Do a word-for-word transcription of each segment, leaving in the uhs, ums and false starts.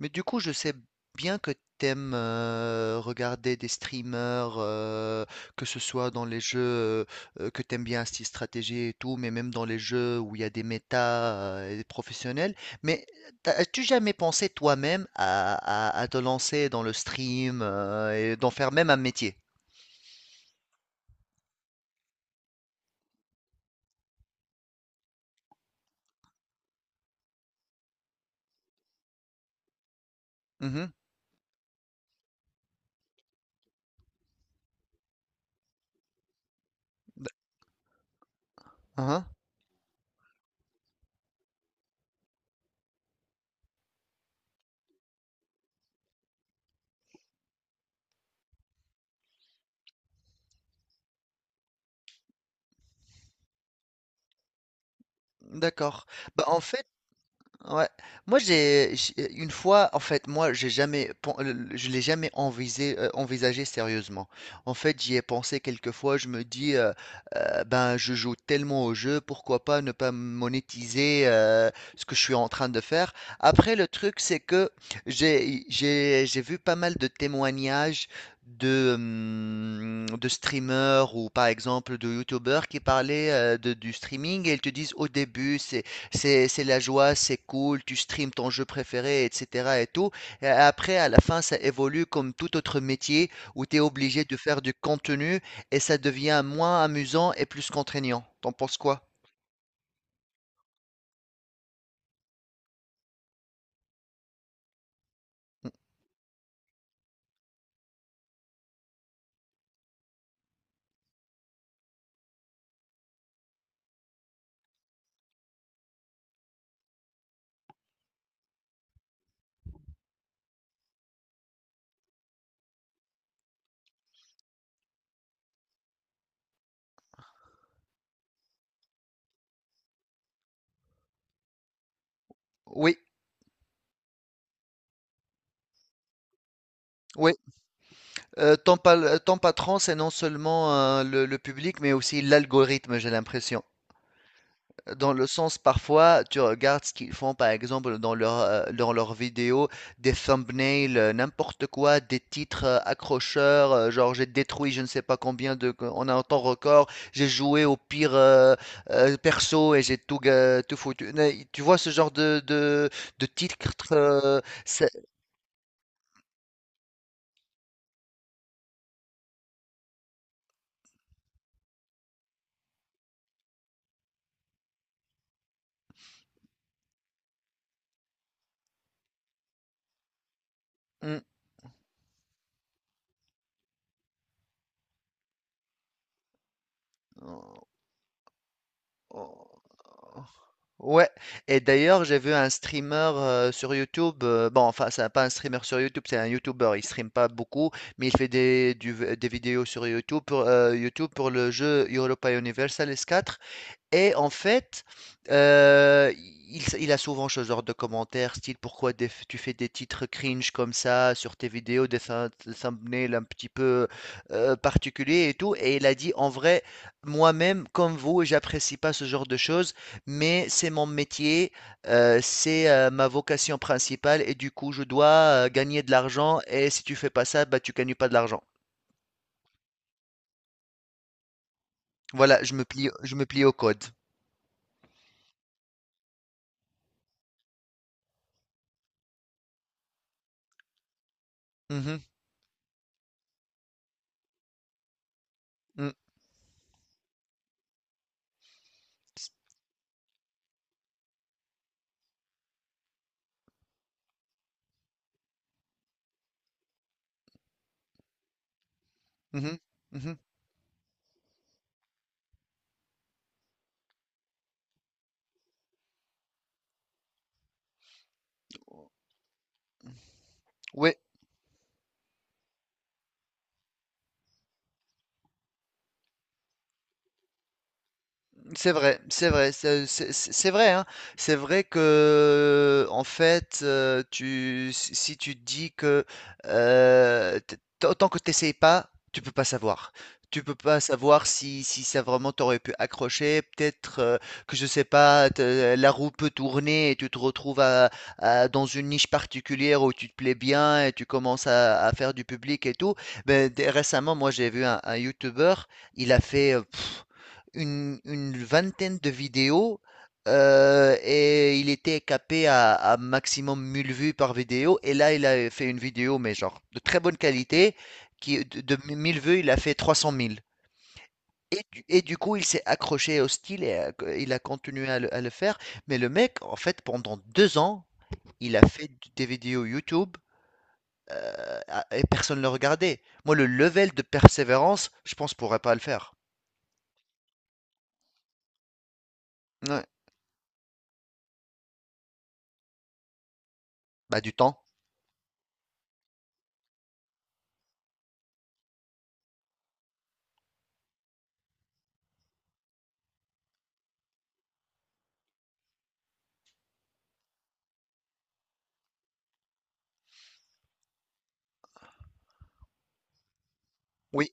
Mais du coup, je sais bien que t'aimes euh, regarder des streamers, euh, que ce soit dans les jeux euh, que t'aimes bien, style stratégie et tout, mais même dans les jeux où il y a des méta euh, et des professionnels. Mais t'as- as-tu jamais pensé toi-même à, à- à te lancer dans le stream euh, et d'en faire même un métier? Mhm. Mhm. D'accord. Bah, en fait. Ouais. Moi, j'ai j'- euh, une fois, en fait, moi, j'ai jamais, pen- je l'ai jamais envisé, euh, envisagé sérieusement. En fait, j'y ai pensé quelques fois. Je me dis, euh, euh, ben, je joue tellement au jeu, pourquoi pas ne pas monétiser euh, ce que je suis en train de faire. Après, le truc, c'est que j'ai, j'ai, j'ai vu pas mal de témoignages de, hum, de streamers ou par exemple de youtubeurs qui parlaient euh, de- du streaming et ils te disent au début, c'est c'est c'est la joie, c'est cool, tu streams ton jeu préféré, et cetera et tout. Et après, à la fin, ça évolue comme tout autre métier où tu es obligé de faire du contenu et ça devient moins amusant et plus contraignant. T'en penses quoi? Oui, oui. Euh, ton, pal- ton patron, c'est non seulement euh, le, le public, mais aussi l'algorithme, j'ai l'impression. Dans le sens, parfois, tu regardes ce qu'ils font, par exemple, dans leur, euh, dans leurs vidéos, des thumbnails, euh, n'importe quoi, des titres euh, accrocheurs, euh, genre j'ai détruit je ne sais pas combien de, on a un temps record, j'ai joué au pire euh, euh, perso et j'ai tout, ga- tout foutu. Mais tu vois ce genre de, de, de titres, euh, c'est- Hmm. Oh, oh. Ouais, et d'ailleurs, j'ai vu un streamer euh, sur YouTube. Euh, bon, enfin, c'est pas un streamer sur YouTube, c'est un YouTuber. Il stream pas beaucoup, mais il fait des, du- des vidéos sur YouTube pour, euh, YouTube pour le jeu Europa Universalis quatre et en fait, heu, il il a souvent ce genre de commentaires style: «Pourquoi des tu fais des titres cringe comme ça sur tes vidéos, des thum des thumbnails un petit peu, heu, particuliers et tout» et il a dit: «En vrai, moi-même comme vous, j'apprécie pas ce genre de choses, mais c'est mon métier, heu, c'est, heu, ma vocation principale et du coup je dois, heu, gagner de l'argent et si tu fais pas ça, bah, tu gagnes pas de l'argent». Voilà, je me plie je me plie au code. Mmh mh. Mmh. Mmh. Mmh. Oui. C'est vrai, c'est vrai, c'est c'est- c'est- c'est vrai, hein. C'est vrai que, en fait, euh, tu, si si tu te dis que euh, t- tant tant que tu n'essayes pas, tu peux pas savoir. Tu peux pas savoir si, si ça vraiment t'aurait pu accrocher. Peut-être euh, que, je sais pas, te- la roue peut tourner et tu te retrouves à- à- dans une niche particulière où tu te plais bien et tu commences à, à faire du public et tout. Ben, d- récemment, moi, j'ai vu un, un YouTuber, il a fait une, une vingtaine de vidéos euh, et il était capé à, à maximum mille vues par vidéo. Et là, il a fait une vidéo, mais genre de très bonne qualité, qui de, de mille vues, il a fait trois cent mille. Et du, et du coup, il s'est accroché au style et a- il a continué à le, à le faire. Mais le mec, en fait, pendant deux ans, il a fait des vidéos YouTube euh, à- et personne ne le regardait. Moi, le level de persévérance, je pense, je pourrais pas le faire. Ouais. Bah, du temps. Oui,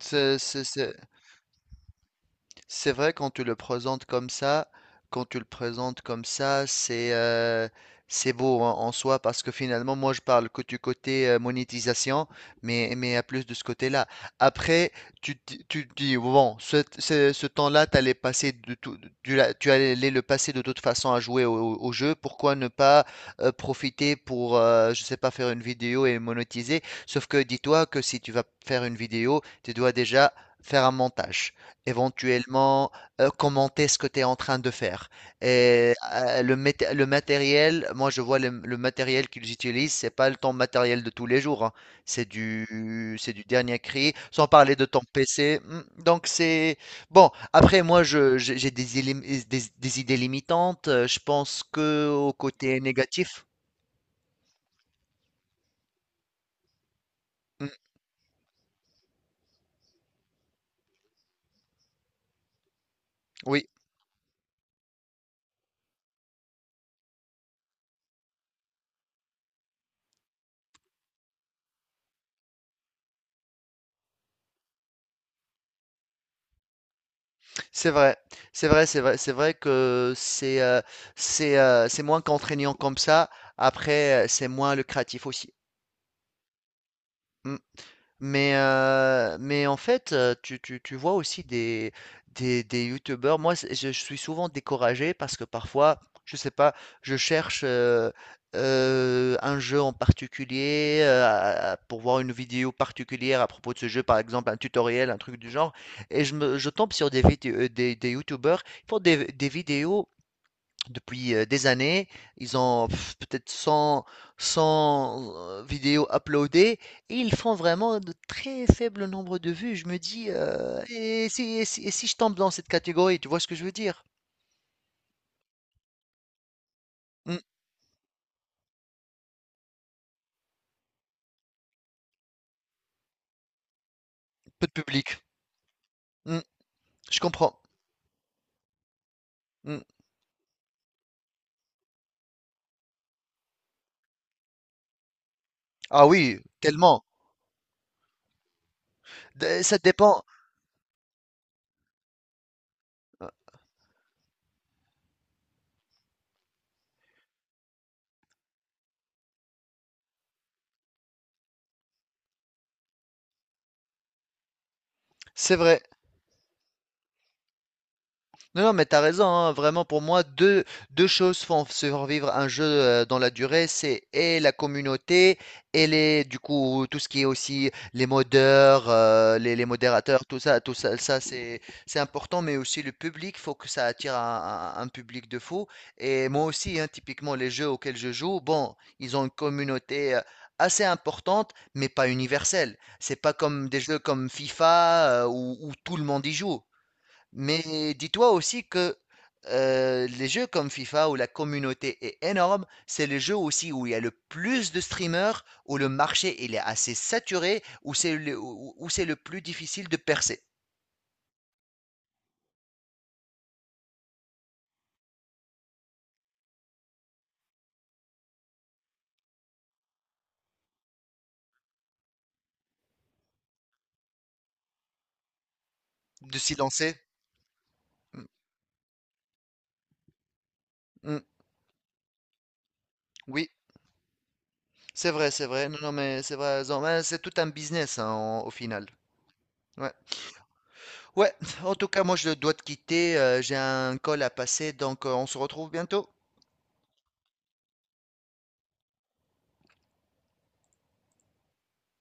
c'est, C'est vrai quand tu le présentes comme ça, quand tu le présentes comme ça, c'est euh, c'est beau en, en soi parce que finalement moi je parle que du côté euh, monétisation, mais mais à plus de ce côté-là. Après tu te tu te dis bon ce, ce, ce temps-là t'allais passer de tout, tu, l'as- tu allais le passer de toute façon à jouer au, au- au jeu. Pourquoi ne pas euh, profiter pour euh, je sais pas faire une vidéo et monétiser? Sauf que dis-toi que si tu vas faire une vidéo, tu dois déjà faire un montage éventuellement euh, commenter ce que tu es en train de faire. Et euh, le, mét- le matériel, moi je vois le, le matériel qu'ils utilisent, c'est pas le ton matériel de tous les jours, hein. C'est du, c'est du dernier cri, sans parler de ton P C. Hmm. Donc c'est bon. Après moi je, j'ai j'ai des, élim- des, des idées limitantes. euh, Je pense que au côté négatif. Hmm. Oui. C'est vrai, c'est vrai, c'est vrai, c'est vrai que c'est euh, c'est euh, c'est moins contraignant comme ça. Après, euh, c'est moins lucratif aussi. Mm. Mais, euh, mais en fait, euh, tu, tu, tu vois aussi des, des, des youtubeurs. Moi, c'est- je, je suis souvent découragé parce que parfois, je sais pas, je cherche euh, euh, un jeu en particulier euh, à- à- pour voir une vidéo particulière à propos de ce jeu, par exemple un tutoriel, un truc du genre, et je, me, je tombe sur des vidéos, des, des youtubeurs qui font des, des vidéos depuis euh, des années. Ils ont pff, peut-être cent cent euh, vidéos uploadées et ils font vraiment de très faibles nombres de vues. Je me dis, euh, et si, et si- et si je tombe dans cette catégorie, tu vois ce que je veux dire? Hmm. Peu de public. Hmm, je comprends. Hmm. Ah oui, tellement. D- Ça dépend. euh, C'est vrai. Non, non, mais t'as raison, hein. Vraiment, pour moi, deux, deux choses font survivre un jeu euh, dans la durée, c'est et la communauté, et les, du coup, tout ce qui est aussi les modeurs, euh, les, les modérateurs, tout ça, tout ça, ça c'est, c'est important, mais aussi le public, faut que ça attire un, un- un public de fou. Et moi aussi, hein, typiquement, les jeux auxquels je joue, bon, ils ont une communauté euh, assez importante, mais pas universelle. C'est pas comme des jeux comme FIFA, euh, où où tout le monde y joue. Mais dis-toi aussi que euh, les jeux comme FIFA où la communauté est énorme, c'est les jeux aussi où il y a le plus de streamers, où le marché il est assez saturé, où c'est le, où- où c'est le plus difficile de percer, de s'y lancer. Mm, mm, oui, c'est vrai, c'est vrai. Non, non, mais c'est vrai. Zan, ouais, c'est tout un business hein, en- au final. Ouais. Ouais, en tout cas, moi je dois te quitter. Euh, j'ai un call à passer, donc euh, on se retrouve bientôt.